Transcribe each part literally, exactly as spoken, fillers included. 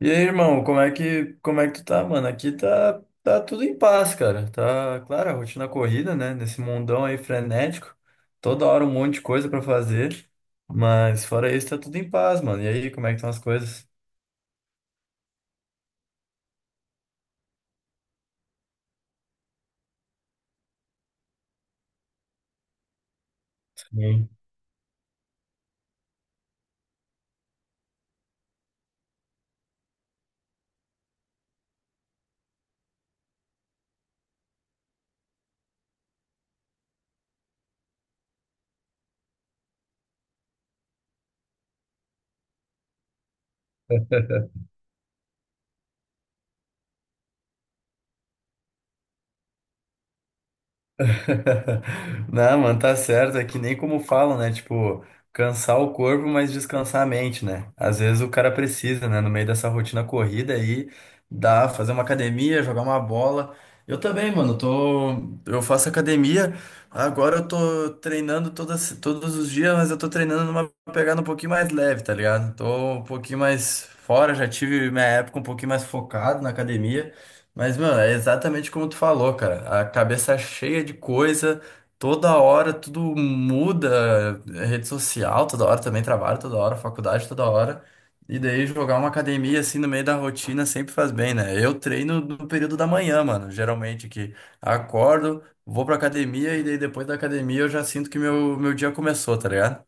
E aí, irmão, como é que, como é que tu tá, mano? Aqui tá, tá tudo em paz, cara. Tá, claro, a rotina corrida, né? Nesse mundão aí frenético. Toda hora um monte de coisa pra fazer. Mas fora isso, tá tudo em paz, mano. E aí, como é que estão as coisas? Sim. Não, mano, tá certo. É que nem como falam, né? Tipo, cansar o corpo, mas descansar a mente, né? Às vezes o cara precisa, né? No meio dessa rotina corrida aí, dá, fazer uma academia, jogar uma bola. Eu também, mano, tô, eu faço academia. Agora eu tô treinando todas, todos os dias, mas eu tô treinando numa pegada um pouquinho mais leve, tá ligado? Tô um pouquinho mais fora, já tive minha época um pouquinho mais focado na academia. Mas, mano, é exatamente como tu falou, cara. A cabeça cheia de coisa, toda hora tudo muda, é rede social, toda hora também trabalho, toda hora faculdade, toda hora. E daí jogar uma academia assim no meio da rotina sempre faz bem, né? Eu treino no período da manhã, mano. Geralmente que acordo, vou pra academia e daí depois da academia eu já sinto que meu, meu dia começou, tá ligado?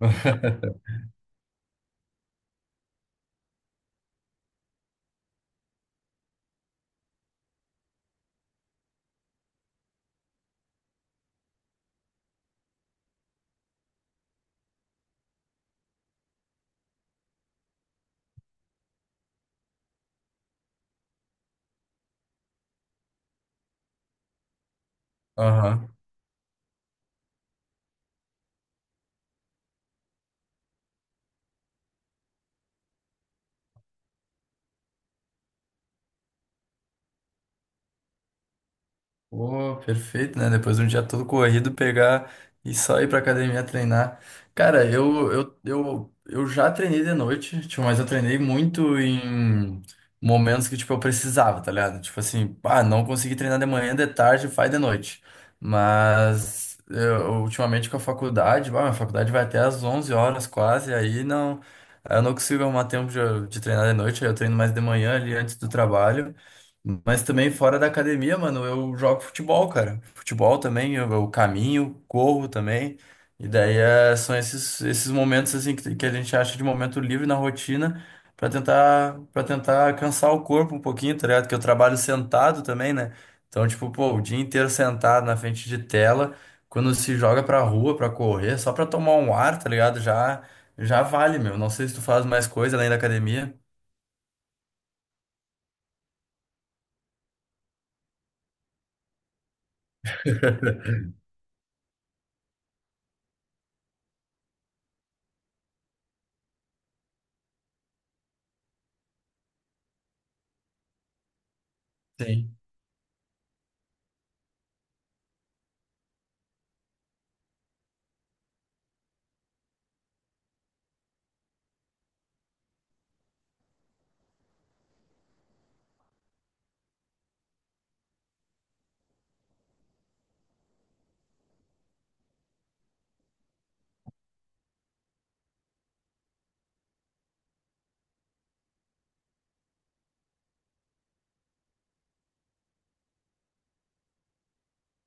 Aham. Pô, perfeito, né? Depois de um dia todo corrido, pegar e só ir pra academia treinar. Cara, eu, eu, eu, eu já treinei de noite, tipo, mas eu treinei muito em momentos que, tipo, eu precisava, tá ligado? Tipo assim, ah, não consegui treinar de manhã, de tarde, faz de noite. Mas eu, ultimamente com a faculdade, bah, minha faculdade vai até às onze horas quase, aí não, eu não consigo arrumar tempo de, de, treinar de noite, aí eu treino mais de manhã ali antes do trabalho. Mas também fora da academia, mano, eu jogo futebol, cara. Futebol também, eu, eu caminho, corro também. E daí é- são esses, esses momentos assim que, que a gente acha de momento livre na rotina pra tentar para tentar cansar o corpo um pouquinho, tá ligado? Que eu trabalho sentado também, né? Então, tipo, pô, o dia inteiro sentado na frente de tela, quando se joga pra rua pra correr, só pra tomar um ar, tá ligado? Já já vale, meu. Não sei se tu faz mais coisa além da academia. Sim.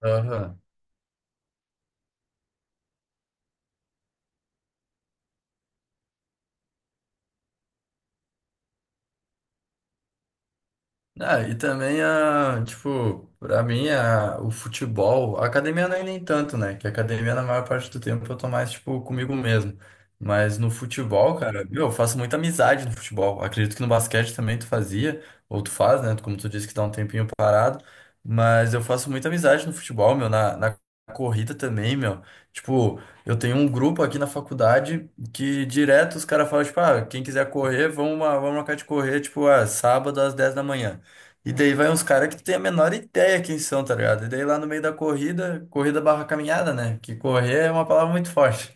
Aham. Ah, e também a, tipo, pra mim a, o futebol, a academia não é nem tanto, né? Que a academia na maior parte do tempo eu tô mais, tipo, comigo mesmo. Mas no futebol, cara, meu, eu faço muita amizade no futebol. Acredito que no basquete também tu fazia, ou tu faz, né? Como tu disse que tá um tempinho parado. Mas eu faço muita amizade no futebol, meu, na, na, corrida também, meu. Tipo, eu tenho um grupo aqui na faculdade que direto os caras falam, tipo, ah, quem quiser correr, vamos, vamos marcar de correr, tipo, ah, sábado às dez da manhã. E daí vai uns caras que tu tem a menor ideia quem são, tá ligado? E daí lá no meio da corrida, corrida barra caminhada, né? Que correr é uma palavra muito forte.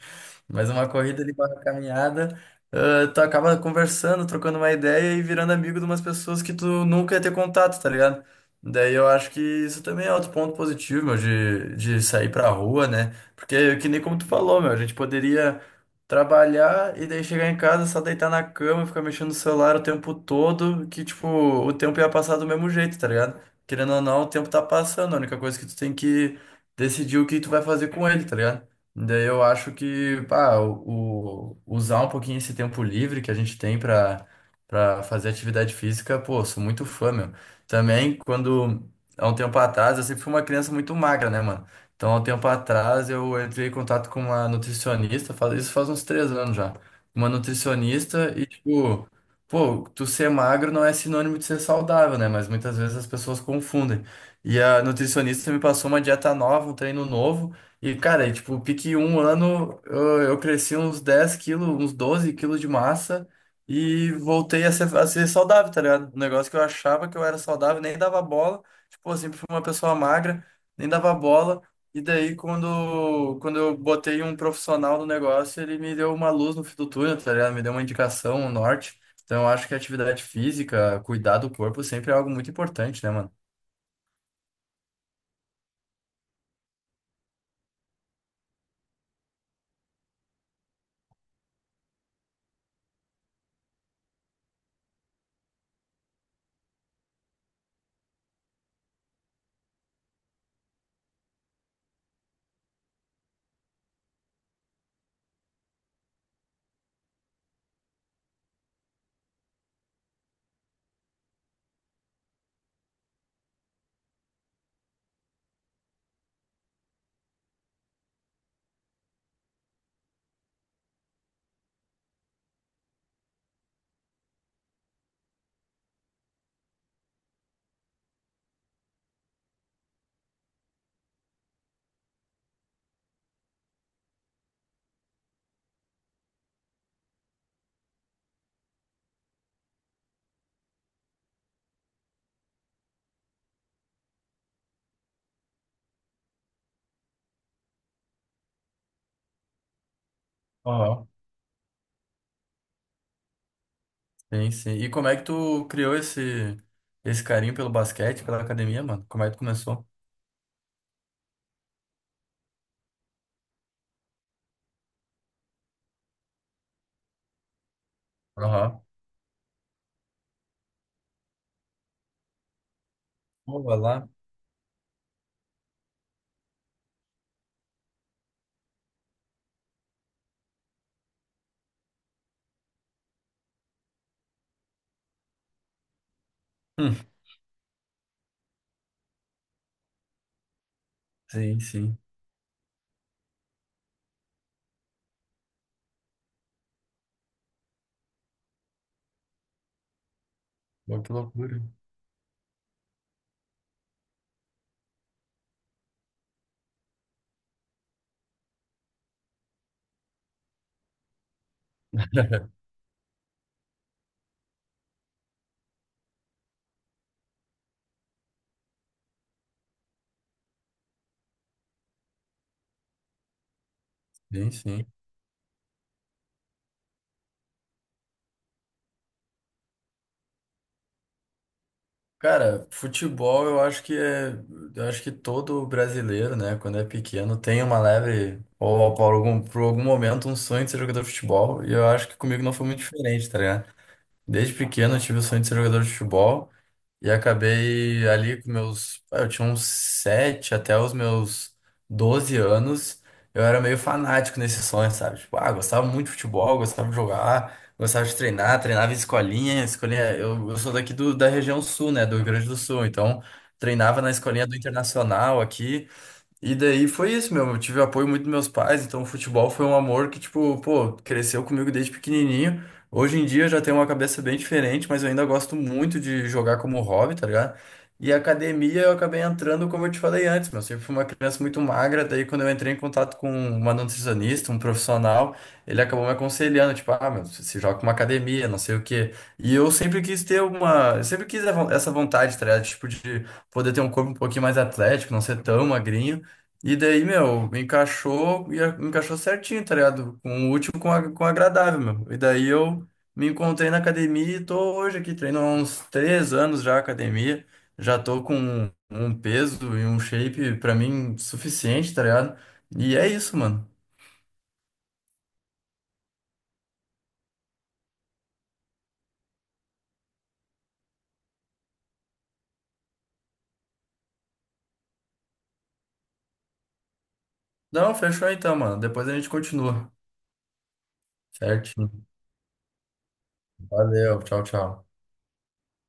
Mas uma corrida de barra caminhada, ah, tu acaba conversando, trocando uma ideia e virando amigo de umas pessoas que tu nunca ia ter contato, tá ligado? Daí eu acho que isso também é outro ponto positivo, meu, de, de, sair pra rua, né? Porque que nem como tu falou, meu, a gente poderia. Trabalhar e daí chegar em casa, só deitar na cama, ficar mexendo no celular o tempo todo, que, tipo, o tempo ia passar do mesmo jeito, tá ligado? Querendo ou não, o tempo tá passando, a única coisa que tu tem que decidir o que tu vai fazer com ele, tá ligado? Daí eu acho que, pá, o, o- usar um pouquinho esse tempo livre que a gente tem pra, pra fazer atividade física, pô, sou muito fã, meu. Também, quando, há um tempo atrás, eu sempre fui uma criança muito magra, né, mano? Então, há um tempo atrás, eu entrei em contato com uma nutricionista, faz, isso faz uns três anos já. Uma nutricionista e, tipo, pô, tu ser magro não é sinônimo de ser saudável, né? Mas muitas vezes as pessoas confundem. E a nutricionista me passou uma dieta nova, um treino novo. E, cara, e, tipo, pique um ano, eu, eu cresci uns dez quilos, uns doze quilos de massa e voltei a ser, a ser, saudável, tá ligado? Um negócio que eu achava que eu era saudável, nem dava bola. Tipo, eu sempre fui uma pessoa magra, nem dava bola. E daí, quando, quando eu botei um profissional no negócio, ele me deu uma luz no fim do túnel, tá ligado? Me deu uma indicação, um norte. Então, eu acho que atividade física, cuidar do corpo sempre é algo muito importante, né, mano? Aham. Sim, sim. E como é que tu criou esse, esse, carinho pelo basquete, pela academia, mano? Como é que tu começou? Aham. Pô, vai lá. Hum, Sim, sim. Pô, que loucura. Sim, sim. Cara, futebol eu acho que é, eu acho que todo brasileiro, né, quando é pequeno, tem uma leve, ou por algum, por algum momento, um sonho de ser jogador de futebol, e eu acho que comigo não foi muito diferente, tá ligado? Desde pequeno eu tive o sonho de ser jogador de futebol, e acabei ali com meus. ah, Eu tinha uns sete até os meus doze anos. Eu era meio fanático nesse sonho, sabe? Tipo, ah, gostava muito de futebol, gostava de jogar, gostava de treinar, treinava em escolinha. escolinha eu, eu sou daqui do, da região sul, né? Do Rio Grande do Sul. Então, treinava na escolinha do Internacional aqui. E daí foi isso, meu. Eu tive apoio muito dos meus pais, então o futebol foi um amor que, tipo, pô, cresceu comigo desde pequenininho. Hoje em dia eu já tenho uma cabeça bem diferente, mas eu ainda gosto muito de jogar como hobby, tá ligado? E a academia eu acabei entrando, como eu te falei antes, meu. Eu sempre fui uma criança muito magra, daí quando eu entrei em contato com uma nutricionista, um profissional, ele acabou me aconselhando, tipo, ah, meu, se joga com uma academia, não sei o quê. E eu sempre quis ter uma. Eu sempre quis essa vontade, tá ligado? Tipo, de poder ter um corpo um pouquinho mais atlético, não ser tão magrinho. E daí, meu, encaixou, e a- encaixou certinho, tá ligado? Com o útil com, a- com o agradável, meu. E daí eu me encontrei na academia e tô hoje aqui, treino há uns três anos já academia. Já tô com um um peso e um shape pra mim suficiente, tá ligado? E é isso, mano. Não, fechou então, mano. Depois a gente continua. Certinho. Valeu, tchau, tchau.